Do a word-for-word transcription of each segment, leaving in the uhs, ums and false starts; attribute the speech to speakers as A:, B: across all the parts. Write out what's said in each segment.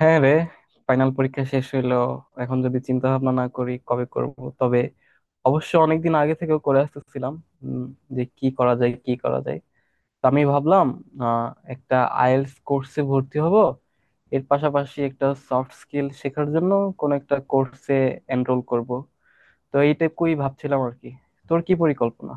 A: হ্যাঁ রে, ফাইনাল পরীক্ষা শেষ হইলো। এখন যদি চিন্তা ভাবনা না করি কবে করব? তবে অবশ্য অনেকদিন আগে থেকেও করে আসতেছিলাম উম, যে কি করা যায়, কি করা যায়। তো আমি ভাবলাম, আহ, একটা আই এল টি এস কোর্সে ভর্তি হব। এর পাশাপাশি একটা সফট স্কিল শেখার জন্য কোন একটা কোর্সে এনরোল করব। তো এইটুকুই ভাবছিলাম আর কি। তোর কি পরিকল্পনা?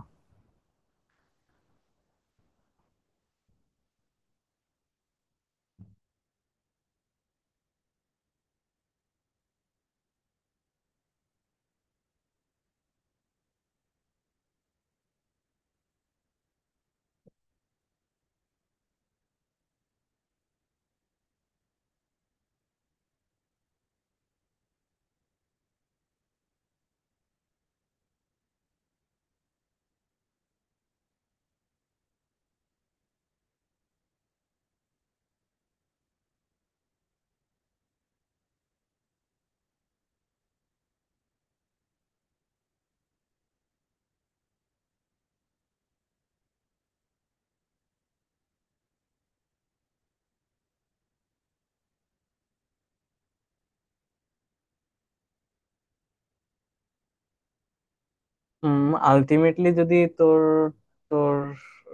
A: হুম, আলটিমেটলি যদি তোর তোর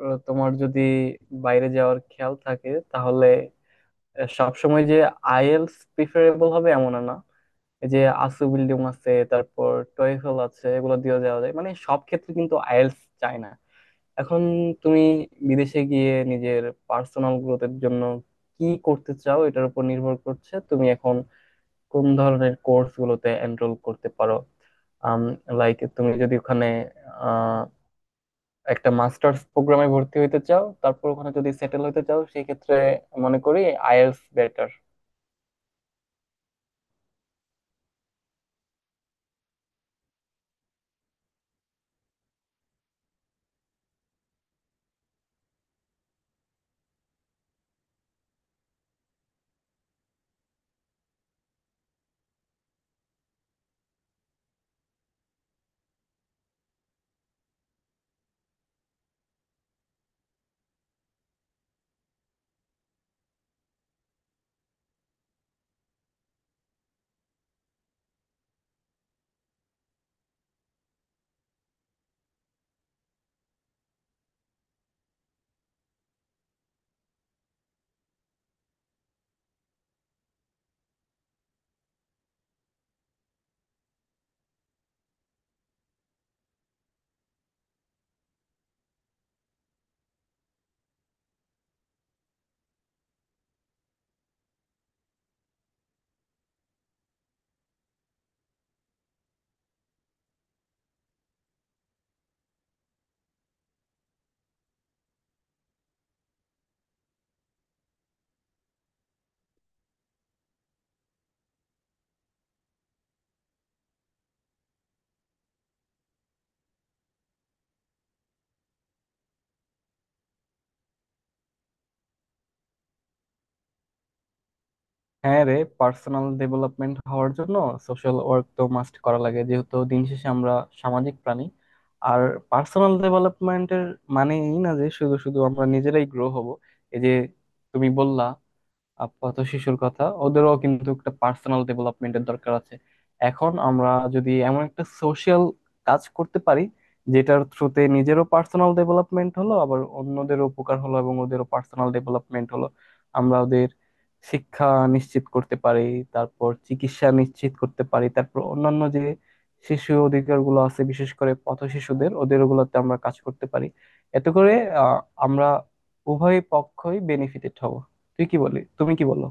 A: আহ, তোমার যদি বাইরে যাওয়ার খেয়াল থাকে, তাহলে সবসময় যে আই এল এস প্রিফারেবল হবে এমন না। এই যে আসু বিল্ডিং আছে, তারপর টয়ফেল আছে, এগুলো দিয়ে যাওয়া যায়, মানে সব ক্ষেত্রে কিন্তু আই এল এস চায় না। এখন তুমি বিদেশে গিয়ে নিজের পার্সোনাল গ্রোথের জন্য কি করতে চাও, এটার উপর নির্ভর করছে তুমি এখন কোন ধরনের কোর্স গুলোতে এনরোল করতে পারো। লাইক তুমি যদি ওখানে আহ, একটা মাস্টার্স প্রোগ্রামে ভর্তি হইতে চাও, তারপর ওখানে যদি সেটেল হইতে চাও, সেই ক্ষেত্রে মনে করি আই এল এস বেটার। হ্যাঁ রে, পার্সোনাল ডেভেলপমেন্ট হওয়ার জন্য সোশ্যাল ওয়ার্ক তো মাস্ট করা লাগে, যেহেতু দিন শেষে আমরা সামাজিক প্রাণী। আর পার্সোনাল ডেভেলপমেন্টের মানে এই না যে শুধু শুধু আমরা নিজেরাই গ্রো হব। এই যে তুমি বললা আপাতত শিশুর কথা, ওদেরও কিন্তু একটা পার্সোনাল ডেভেলপমেন্টের দরকার আছে। এখন আমরা যদি এমন একটা সোশ্যাল কাজ করতে পারি, যেটার থ্রুতে নিজেরও পার্সোনাল ডেভেলপমেন্ট হলো, আবার অন্যদের উপকার হলো এবং ওদেরও পার্সোনাল ডেভেলপমেন্ট হলো। আমরা ওদের শিক্ষা নিশ্চিত করতে পারি, তারপর চিকিৎসা নিশ্চিত করতে পারি, তারপর অন্যান্য যে শিশু অধিকারগুলো আছে বিশেষ করে পথ শিশুদের ওদের ওগুলোতে আমরা কাজ করতে পারি। এতে করে আহ, আমরা উভয় পক্ষই বেনিফিটেড হব। তুই কি বলি, তুমি কি বলো?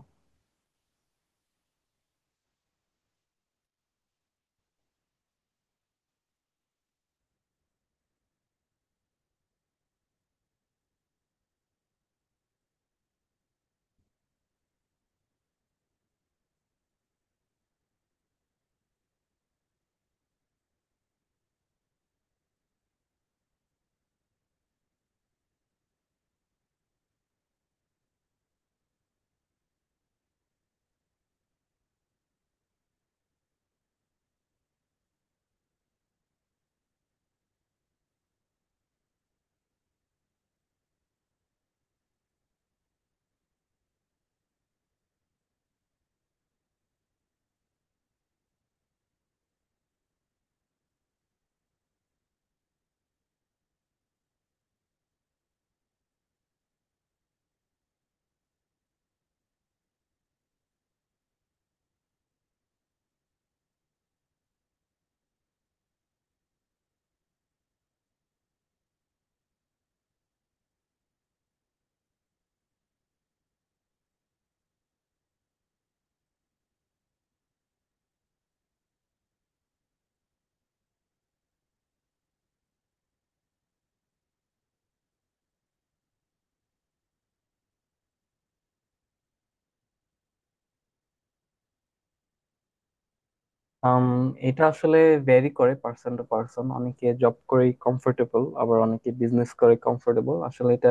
A: আম, এটা আসলে ভ্যারি করে পার্সন টু পার্সন। অনেকে জব করে কমফোর্টেবল, আবার অনেকে বিজনেস করে কমফোর্টেবল। আসলে এটা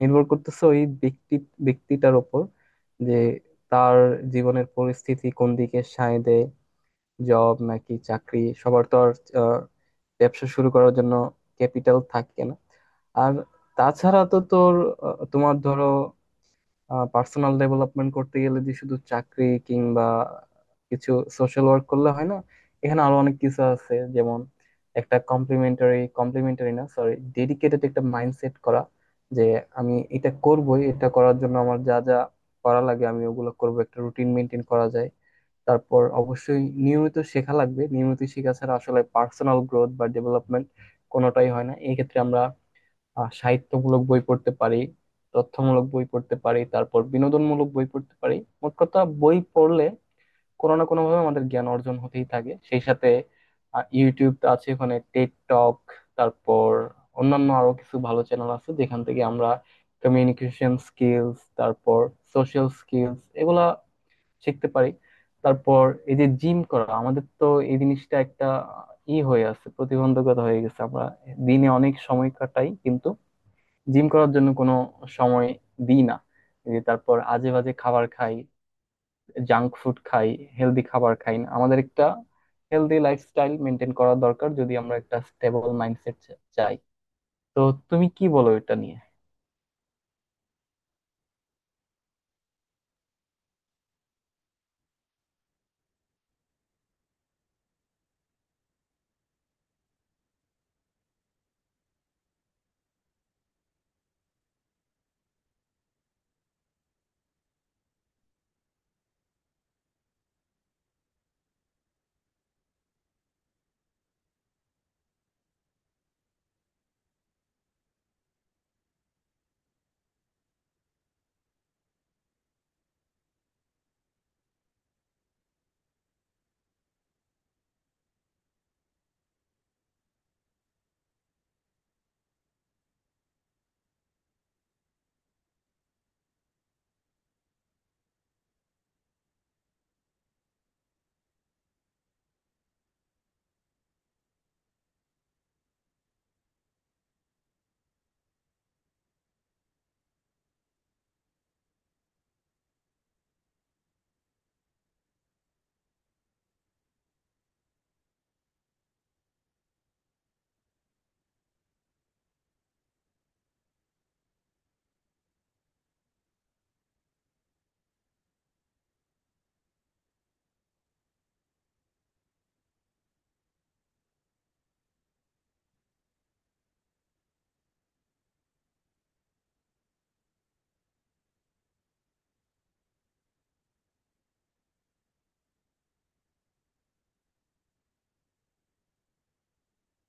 A: নির্ভর করতেছে ওই ব্যক্তি ব্যক্তিটার ওপর, যে তার জীবনের পরিস্থিতি কোন দিকে সায় দেয়, জব নাকি চাকরি। সবার তো আর আহ, ব্যবসা শুরু করার জন্য ক্যাপিটাল থাকে না। আর তাছাড়া তো তোর আহ, তোমার ধরো পার্সোনাল ডেভেলপমেন্ট করতে গেলে যে শুধু চাকরি কিংবা কিছু সোশ্যাল ওয়ার্ক করলে হয় না, এখানে আরো অনেক কিছু আছে। যেমন একটা কমপ্লিমেন্টারি কমপ্লিমেন্টারি না সরি ডেডিকেটেড একটা মাইন্ডসেট করা, যে আমি এটা করবই, এটা করার জন্য আমার যা যা করা লাগে আমি ওগুলো করবো, একটা রুটিন মেনটেন করা যায়। তারপর অবশ্যই নিয়মিত শেখা লাগবে, নিয়মিত শেখা ছাড়া আসলে পার্সোনাল গ্রোথ বা ডেভেলপমেন্ট কোনোটাই হয় না। এই ক্ষেত্রে আমরা আহ, সাহিত্যমূলক বই পড়তে পারি, তথ্যমূলক বই পড়তে পারি, তারপর বিনোদনমূলক বই পড়তে পারি। মোট কথা বই পড়লে কোনো না কোনো ভাবে আমাদের জ্ঞান অর্জন হতেই থাকে। সেই সাথে ইউটিউব আছে, ওখানে টেড টক, তারপর অন্যান্য আরো কিছু ভালো চ্যানেল আছে, যেখান থেকে আমরা কমিউনিকেশন স্কিলস, তারপর সোশ্যাল স্কিলস এগুলা শিখতে পারি। তারপর এই যে জিম করা, আমাদের তো এই জিনিসটা একটা ই হয়ে আছে, প্রতিবন্ধকতা হয়ে গেছে। আমরা দিনে অনেক সময় কাটাই, কিন্তু জিম করার জন্য কোনো সময় দিই না। এই যে তারপর আজে বাজে খাবার খাই, জাঙ্ক ফুড খাই, হেলদি খাবার খাই না। আমাদের একটা হেলদি লাইফস্টাইল মেনটেন করা দরকার, যদি আমরা একটা স্টেবল মাইন্ডসেট চাই। তো তুমি কি বলো এটা নিয়ে?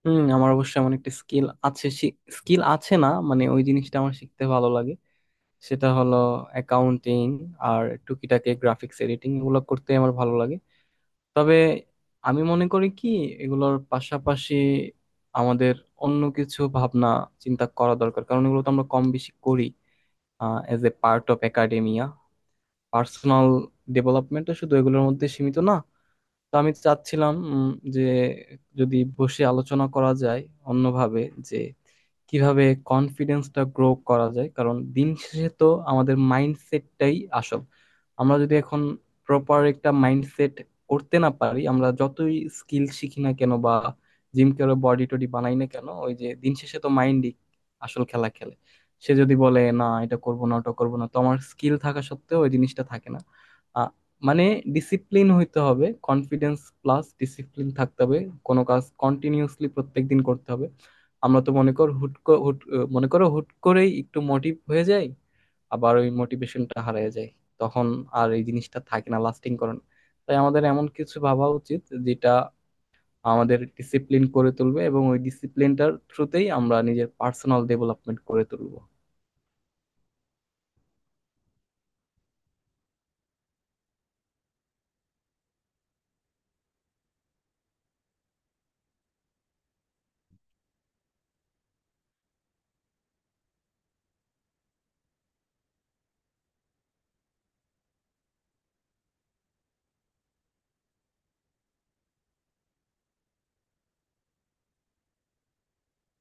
A: হুম, আমার অবশ্যই এমন একটা স্কিল আছে। স্কিল আছে না মানে ওই জিনিসটা আমার শিখতে ভালো লাগে। সেটা হলো অ্যাকাউন্টিং আর টুকিটাকি গ্রাফিক্স এডিটিং, এগুলো করতে আমার ভালো লাগে। তবে আমি মনে করি কি, এগুলোর পাশাপাশি আমাদের অন্য কিছু ভাবনা চিন্তা করা দরকার, কারণ এগুলো তো আমরা কম বেশি করি as a part of academia. Personal ডেভেলপমেন্টও শুধু এগুলোর মধ্যে সীমিত না। তো আমি চাচ্ছিলাম, উম, যে যদি বসে আলোচনা করা যায় অন্যভাবে, যে কিভাবে কনফিডেন্সটা গ্রো করা যায়। কারণ দিন শেষে তো আমাদের মাইন্ডসেটটাই আসল। আমরা যদি এখন প্রপার একটা মাইন্ডসেট করতে না পারি, আমরা যতই স্কিল শিখি না কেন বা জিম করে বডি টডি বানাই না কেন, ওই যে দিন শেষে তো মাইন্ডই আসল খেলা খেলে। সে যদি বলে না এটা করব না ওটা করব না, তো আমার স্কিল থাকা সত্ত্বেও ওই জিনিসটা থাকে না। মানে ডিসিপ্লিন হইতে হবে, কনফিডেন্স প্লাস ডিসিপ্লিন থাকতে হবে, কোনো কাজ কন্টিনিউসলি প্রত্যেকদিন করতে হবে। আমরা তো মনে কর হুট ক- হুট আহ, মনে করো হুট করেই একটু মোটিভ হয়ে যায়, আবার ওই মোটিভেশনটা হারিয়ে যায়। তখন আর এই জিনিসটা থাকে না, লাস্টিং করে না। তাই আমাদের এমন কিছু ভাবা উচিত, যেটা আমাদের ডিসিপ্লিন করে তুলবে এবং ওই ডিসিপ্লিনটার থ্রুতেই আমরা নিজের পার্সোনাল ডেভেলপমেন্ট করে তুলবো।